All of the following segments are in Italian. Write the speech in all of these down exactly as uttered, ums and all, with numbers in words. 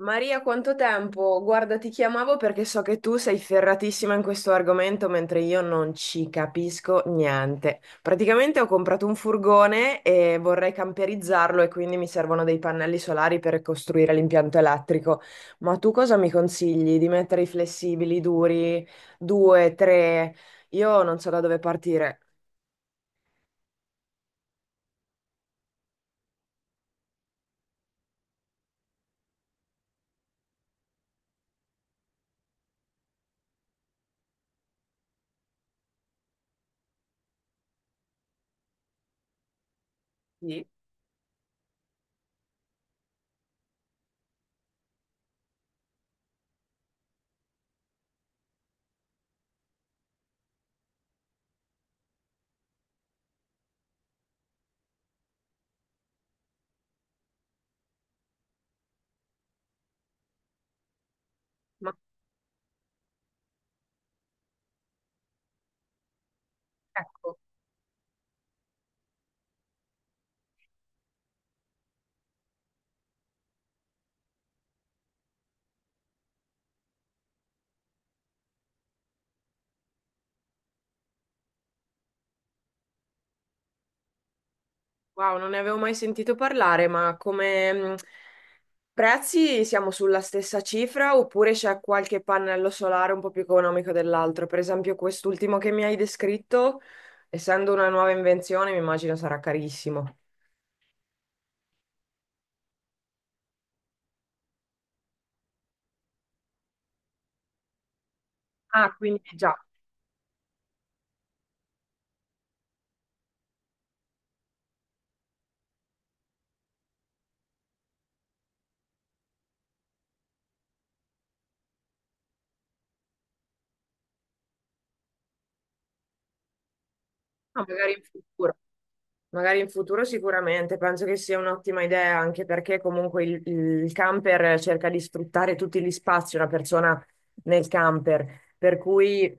Maria, quanto tempo? Guarda, ti chiamavo perché so che tu sei ferratissima in questo argomento, mentre io non ci capisco niente. Praticamente ho comprato un furgone e vorrei camperizzarlo e quindi mi servono dei pannelli solari per costruire l'impianto elettrico. Ma tu cosa mi consigli? Di mettere i flessibili, duri, due, tre? Io non so da dove partire. Sì, ma ecco, wow, non ne avevo mai sentito parlare, ma come mh, prezzi siamo sulla stessa cifra oppure c'è qualche pannello solare un po' più economico dell'altro? Per esempio, quest'ultimo che mi hai descritto, essendo una nuova invenzione, mi immagino sarà carissimo. Ah, quindi già, ah, magari in futuro. Magari in futuro sicuramente, penso che sia un'ottima idea anche perché comunque il, il camper cerca di sfruttare tutti gli spazi, una persona nel camper, per cui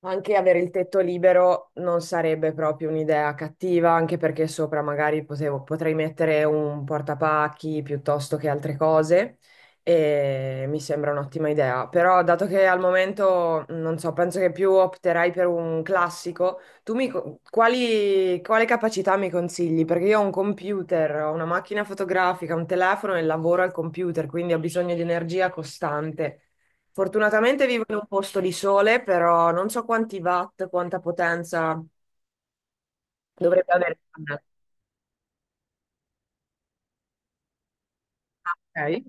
anche avere il tetto libero non sarebbe proprio un'idea cattiva, anche perché sopra magari potevo- potrei mettere un portapacchi piuttosto che altre cose e mi sembra un'ottima idea, però dato che al momento non so, penso che più opterai per un classico. Tu mi quali, quale capacità mi consigli? Perché io ho un computer, ho una macchina fotografica, un telefono e lavoro al computer, quindi ho bisogno di energia costante. Fortunatamente vivo in un posto di sole, però non so quanti watt, quanta potenza dovrebbe avere. Ah, ok,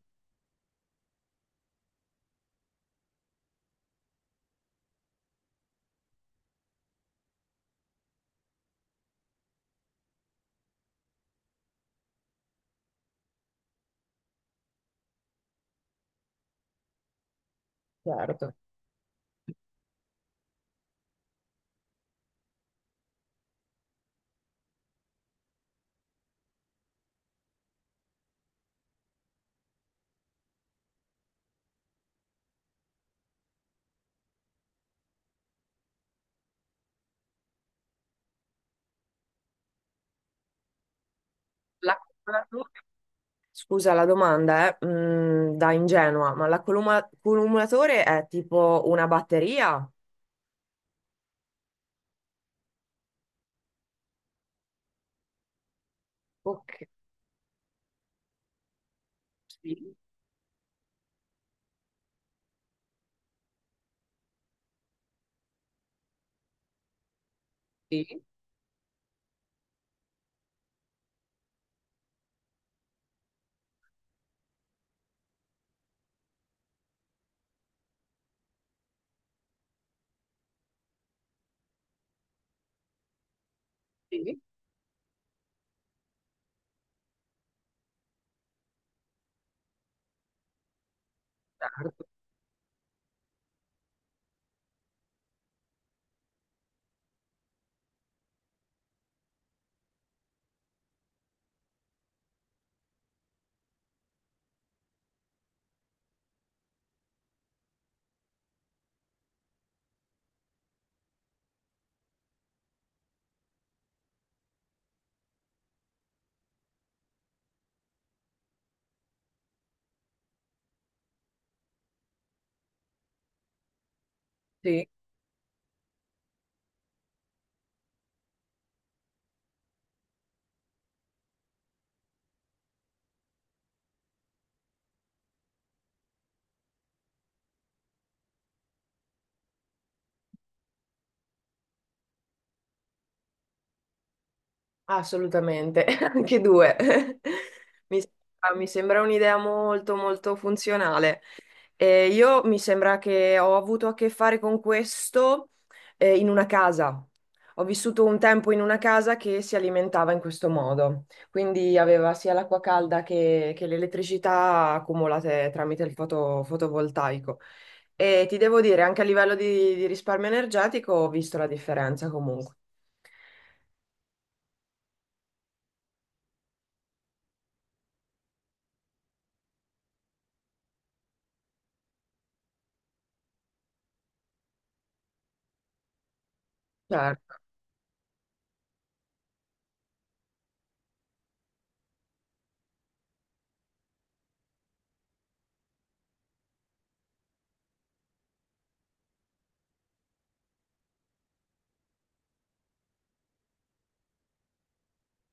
certo. La cumulatura- Scusa la domanda, eh, mm, da ingenua, ma l'accumulatore è tipo una batteria? Ok, sì, sì, sì, certo, sì. Assolutamente, anche due. Mi sembra, mi sembra un'idea molto molto funzionale. E io mi sembra che ho avuto a che fare con questo eh, in una casa. Ho vissuto un tempo in una casa che si alimentava in questo modo, quindi aveva sia l'acqua calda che, che l'elettricità accumulate tramite il foto- fotovoltaico. E ti devo dire, anche a livello di, di risparmio energetico ho visto la differenza comunque. Certo.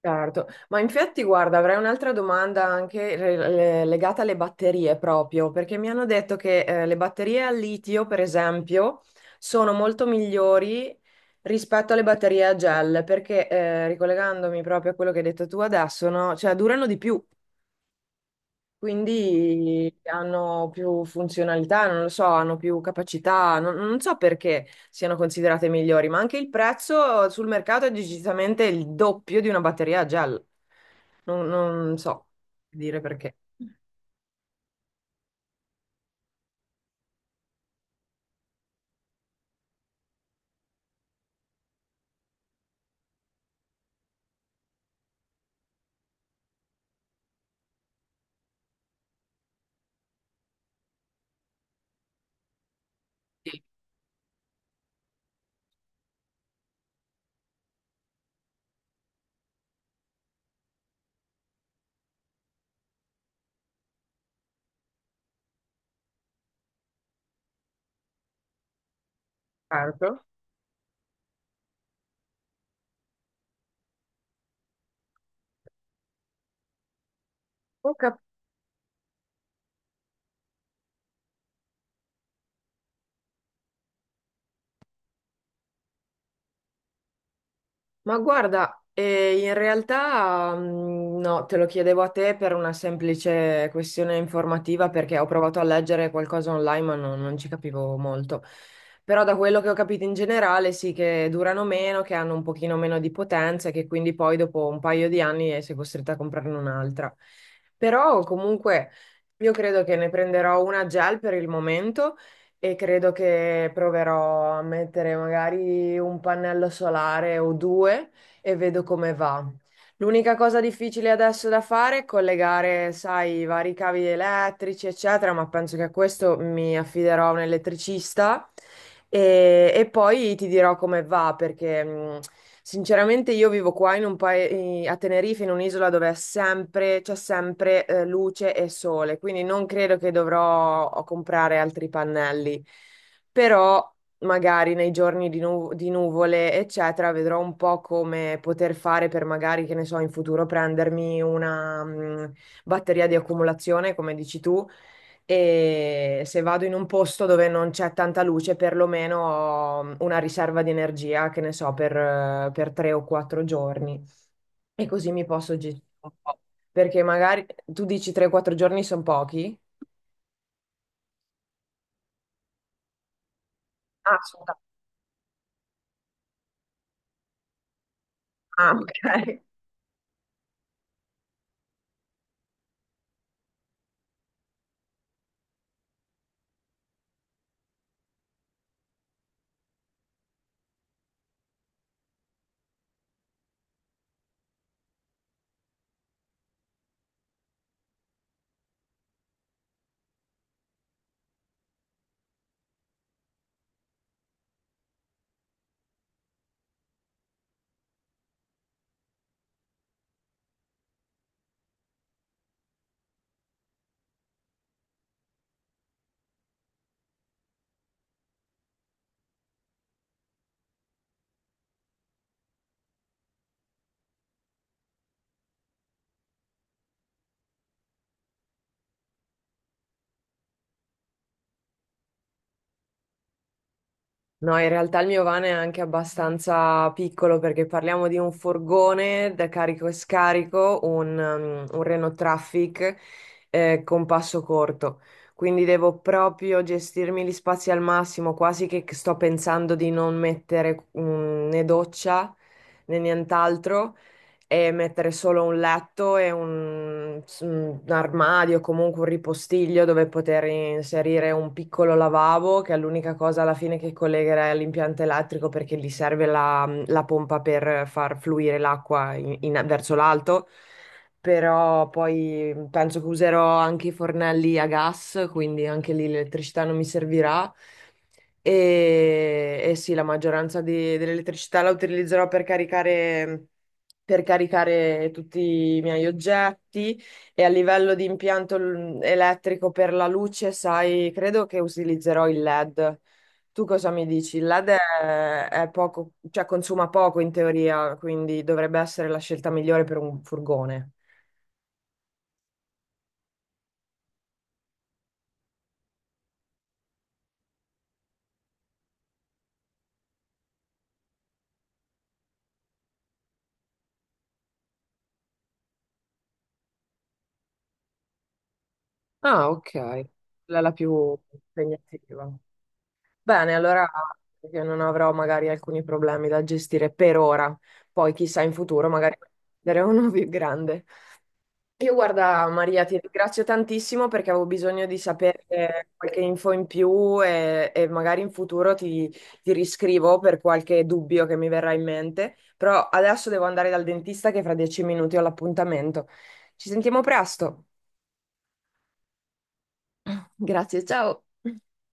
Certo, ma infatti guarda, avrei un'altra domanda anche re- le- legata alle batterie proprio, perché mi hanno detto che eh, le batterie al litio, per esempio, sono molto migliori rispetto alle batterie a gel, perché eh, ricollegandomi proprio a quello che hai detto tu adesso, no? Cioè durano di più. Quindi hanno più funzionalità, non lo so, hanno più capacità, non, non so perché siano considerate migliori, ma anche il prezzo sul mercato è decisamente il doppio di una batteria a gel. Non, non so dire perché. Certo. Ho capito. Ma guarda, eh, in realtà mm, no, te lo chiedevo a te per una semplice questione informativa perché ho provato a leggere qualcosa online ma non, non ci capivo molto. Però da quello che ho capito in generale sì che durano meno, che hanno un pochino meno di potenza e che quindi poi dopo un paio di anni eh, sei costretta a comprarne un'altra. Però comunque io credo che ne prenderò una gel per il momento e credo che proverò a mettere magari un pannello solare o due e vedo come va. L'unica cosa difficile adesso da fare è collegare, sai, i vari cavi elettrici, eccetera, ma penso che a questo mi affiderò a un elettricista e, e poi ti dirò come va, perché mh, sinceramente io vivo qua in un pae- a Tenerife, in un'isola dove è sempre, c'è sempre eh, luce e sole, quindi non credo che dovrò oh, comprare altri pannelli. Però magari nei giorni di, nu- di nuvole, eccetera, vedrò un po' come poter fare per magari, che ne so, in futuro prendermi una mh, batteria di accumulazione, come dici tu, e se vado in un posto dove non c'è tanta luce, perlomeno ho mm, una riserva di energia, che ne so, per, eh, per tre o quattro giorni. E così mi posso gestire un po'. Perché magari tu dici tre quattro giorni sono pochi. Ah, scusa. Ah, ok. No, in realtà il mio van è anche abbastanza piccolo perché parliamo di un furgone da carico e scarico, un, um, un Renault Traffic eh, con passo corto. Quindi devo proprio gestirmi gli spazi al massimo, quasi che sto pensando di non mettere mm, né doccia né nient'altro e mettere solo un letto e un, un armadio, comunque un ripostiglio dove poter inserire un piccolo lavabo, che è l'unica cosa alla fine che collegherai all'impianto elettrico perché gli serve la, la pompa per far fluire l'acqua in- in- verso l'alto. Però poi penso che userò anche i fornelli a gas, quindi anche lì l'elettricità non mi servirà. E, e sì, la maggioranza di- dell'elettricità la utilizzerò per caricare, per caricare tutti i miei oggetti e a livello di impianto l- elettrico per la luce, sai, credo che utilizzerò il L E D. Tu cosa mi dici? Il L E D è, è poco, cioè consuma poco in teoria, quindi dovrebbe essere la scelta migliore per un furgone. Ah, ok, quella è la più impegnativa. Bene, allora io non avrò magari alcuni problemi da gestire per ora, poi chissà in futuro magari ne uno più grande. Io guarda Maria, ti ringrazio tantissimo perché avevo bisogno di sapere qualche info in più e, e magari in futuro ti, ti riscrivo per qualche dubbio che mi verrà in mente, però adesso devo andare dal dentista che fra dieci minuti ho l'appuntamento. Ci sentiamo presto. Grazie, ciao.